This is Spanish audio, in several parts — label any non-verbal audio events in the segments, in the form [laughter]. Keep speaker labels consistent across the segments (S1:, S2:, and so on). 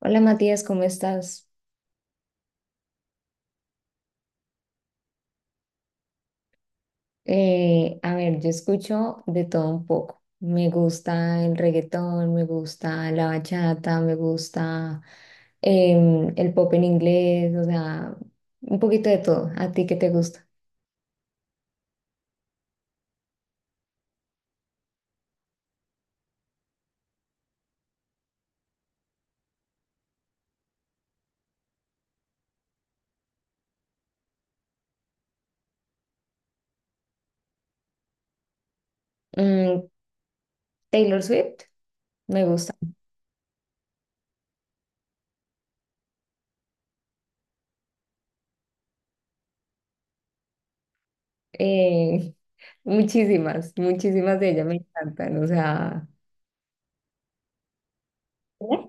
S1: Hola Matías, ¿cómo estás? Yo escucho de todo un poco. Me gusta el reggaetón, me gusta la bachata, me gusta el pop en inglés, o sea, un poquito de todo. ¿A ti qué te gusta? Mm, Taylor Swift, me gusta. Eh, [laughs] Muchísimas, muchísimas de ellas me encantan. O sea, ¿eh?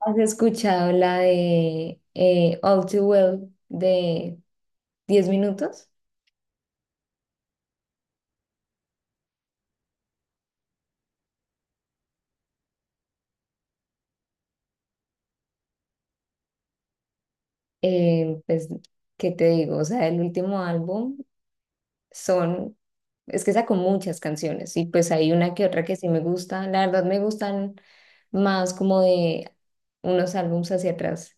S1: ¿Has escuchado la de All Too Well de 10 minutos? Eh, pues, ¿Qué te digo? O sea, el último álbum son, es que sacó muchas canciones y pues hay una que otra que sí me gusta. La verdad me gustan más como de unos álbums hacia atrás.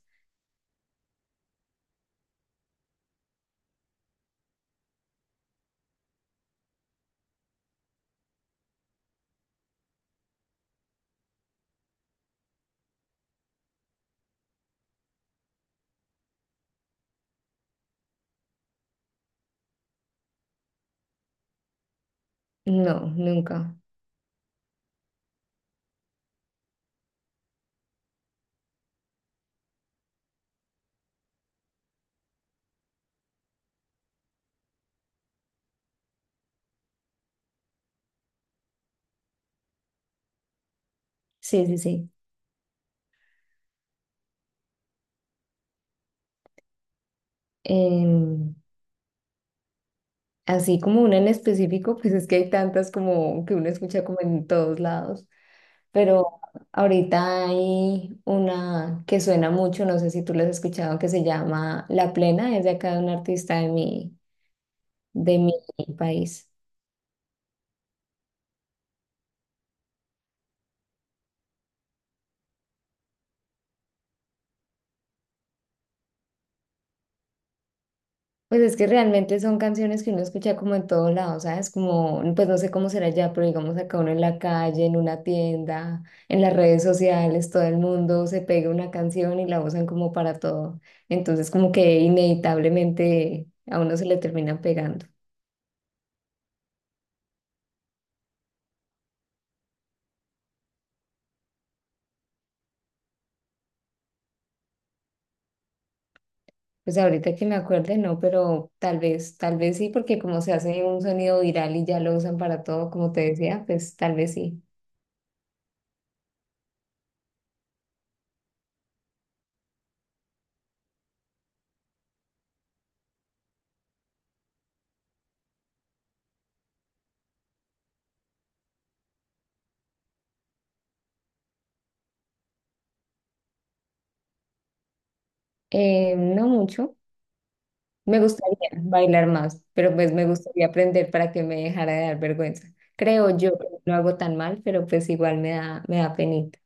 S1: No, nunca. Sí, sí, sí. Em, Así como una en específico, pues es que hay tantas como que uno escucha como en todos lados. Pero ahorita hay una que suena mucho, no sé si tú la has escuchado, que se llama La Plena, es de acá de un artista de mi país. Pues es que realmente son canciones que uno escucha como en todos lados, ¿sabes? Como, pues no sé cómo será ya, pero digamos acá uno en la calle, en una tienda, en las redes sociales, todo el mundo se pega una canción y la usan como para todo. Entonces como que inevitablemente a uno se le terminan pegando. Pues ahorita que me acuerde, no, pero tal vez sí, porque como se hace un sonido viral y ya lo usan para todo, como te decía, pues tal vez sí. No mucho. Me gustaría bailar más, pero pues me gustaría aprender para que me dejara de dar vergüenza. Creo yo que no lo hago tan mal, pero pues igual me da penita.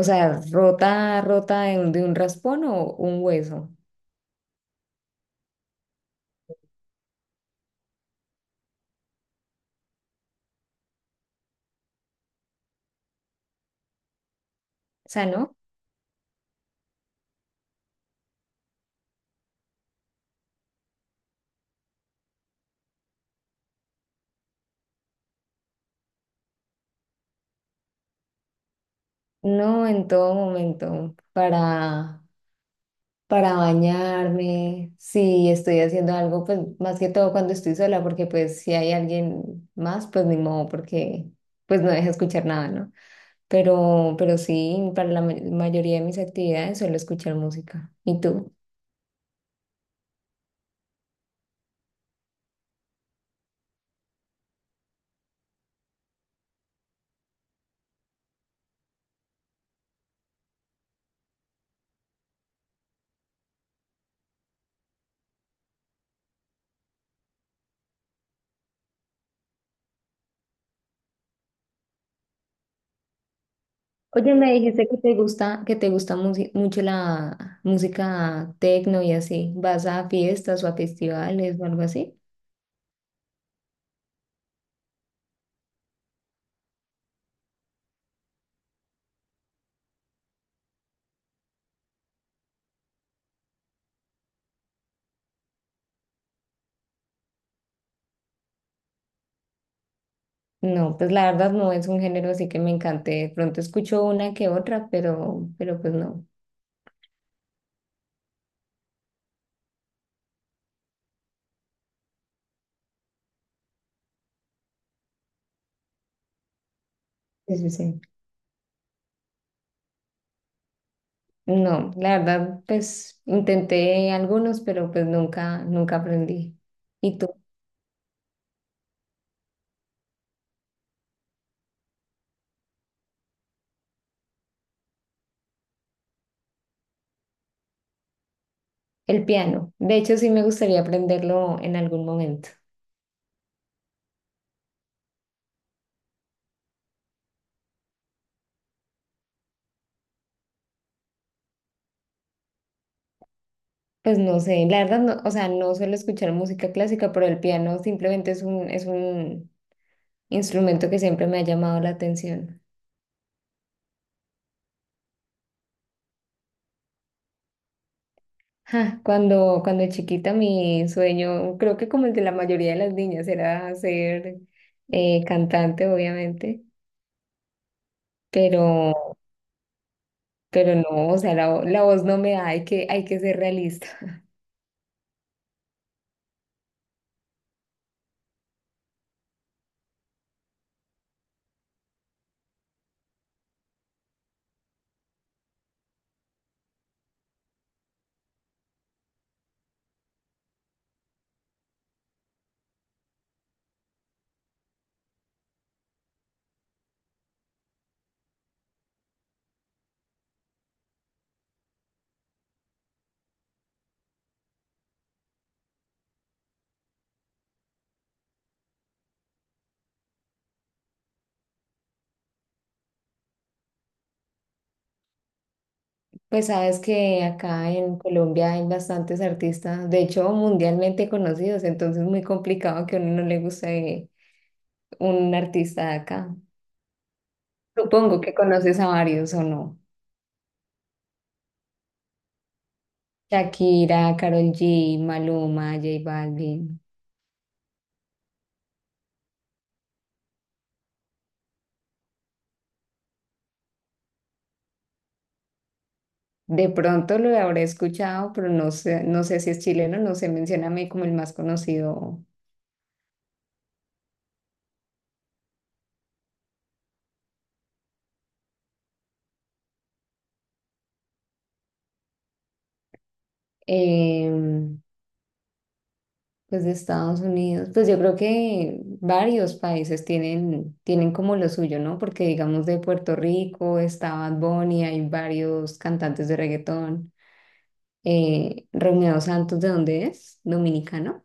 S1: O sea, rota, rota de un raspón o un hueso. O sea, no, no en todo momento para bañarme, si estoy haciendo algo, pues más que todo cuando estoy sola, porque pues si hay alguien más, pues ni modo, porque pues no deja escuchar nada, ¿no? Pero sí, para la mayoría de mis actividades suelo escuchar música. ¿Y tú? Oye, me dijiste que te gusta, mucho la música techno y así. ¿Vas a fiestas o a festivales o algo así? No, pues la verdad no es un género así que me encante. De pronto escucho una que otra, pero pues no. Sí, sí, sí. No, la verdad, pues intenté algunos, pero pues nunca, nunca aprendí. ¿Y tú? El piano. De hecho, sí me gustaría aprenderlo en algún momento. Pues no sé, la verdad, no, o sea, no suelo escuchar música clásica, pero el piano simplemente es un instrumento que siempre me ha llamado la atención. Ja, cuando chiquita mi sueño, creo que como el de la mayoría de las niñas, era ser cantante, obviamente, pero... Pero no, o sea, la voz no me da, hay que ser realista. [laughs] Pues sabes que acá en Colombia hay bastantes artistas, de hecho mundialmente conocidos, entonces es muy complicado que a uno no le guste un artista de acá. Supongo que conoces a varios o no. Shakira, Karol G, Maluma, J Balvin. De pronto lo habré escuchado, pero no sé, no sé si es chileno, no se menciona a mí como el más conocido. Eh, pues de Estados Unidos, pues yo creo que varios países tienen, tienen como lo suyo, ¿no? Porque digamos de Puerto Rico está Bad Bunny, hay varios cantantes de reggaetón. Romeo Santos, ¿de dónde es? Dominicano,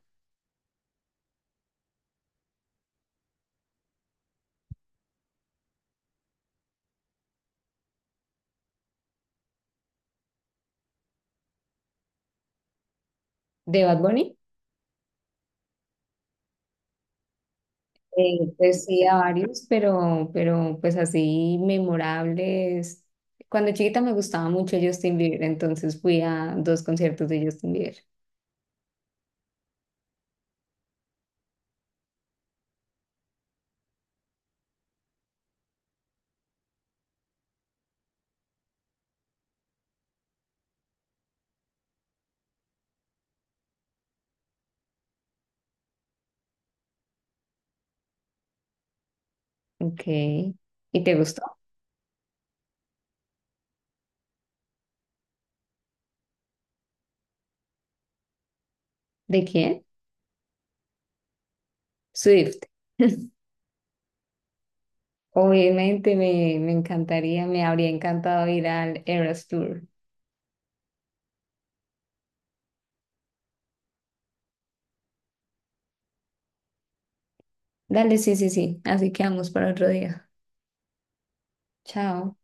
S1: de Bad Bunny. Pues sí, a varios, pero pues así memorables. Cuando chiquita me gustaba mucho Justin Bieber, entonces fui a dos conciertos de Justin Bieber. Ok. ¿Y te gustó? ¿De quién? Swift. [laughs] Obviamente me encantaría, me habría encantado ir al Eras Tour. Dale, sí, sí, sí. Así que vamos para otro día. Chao.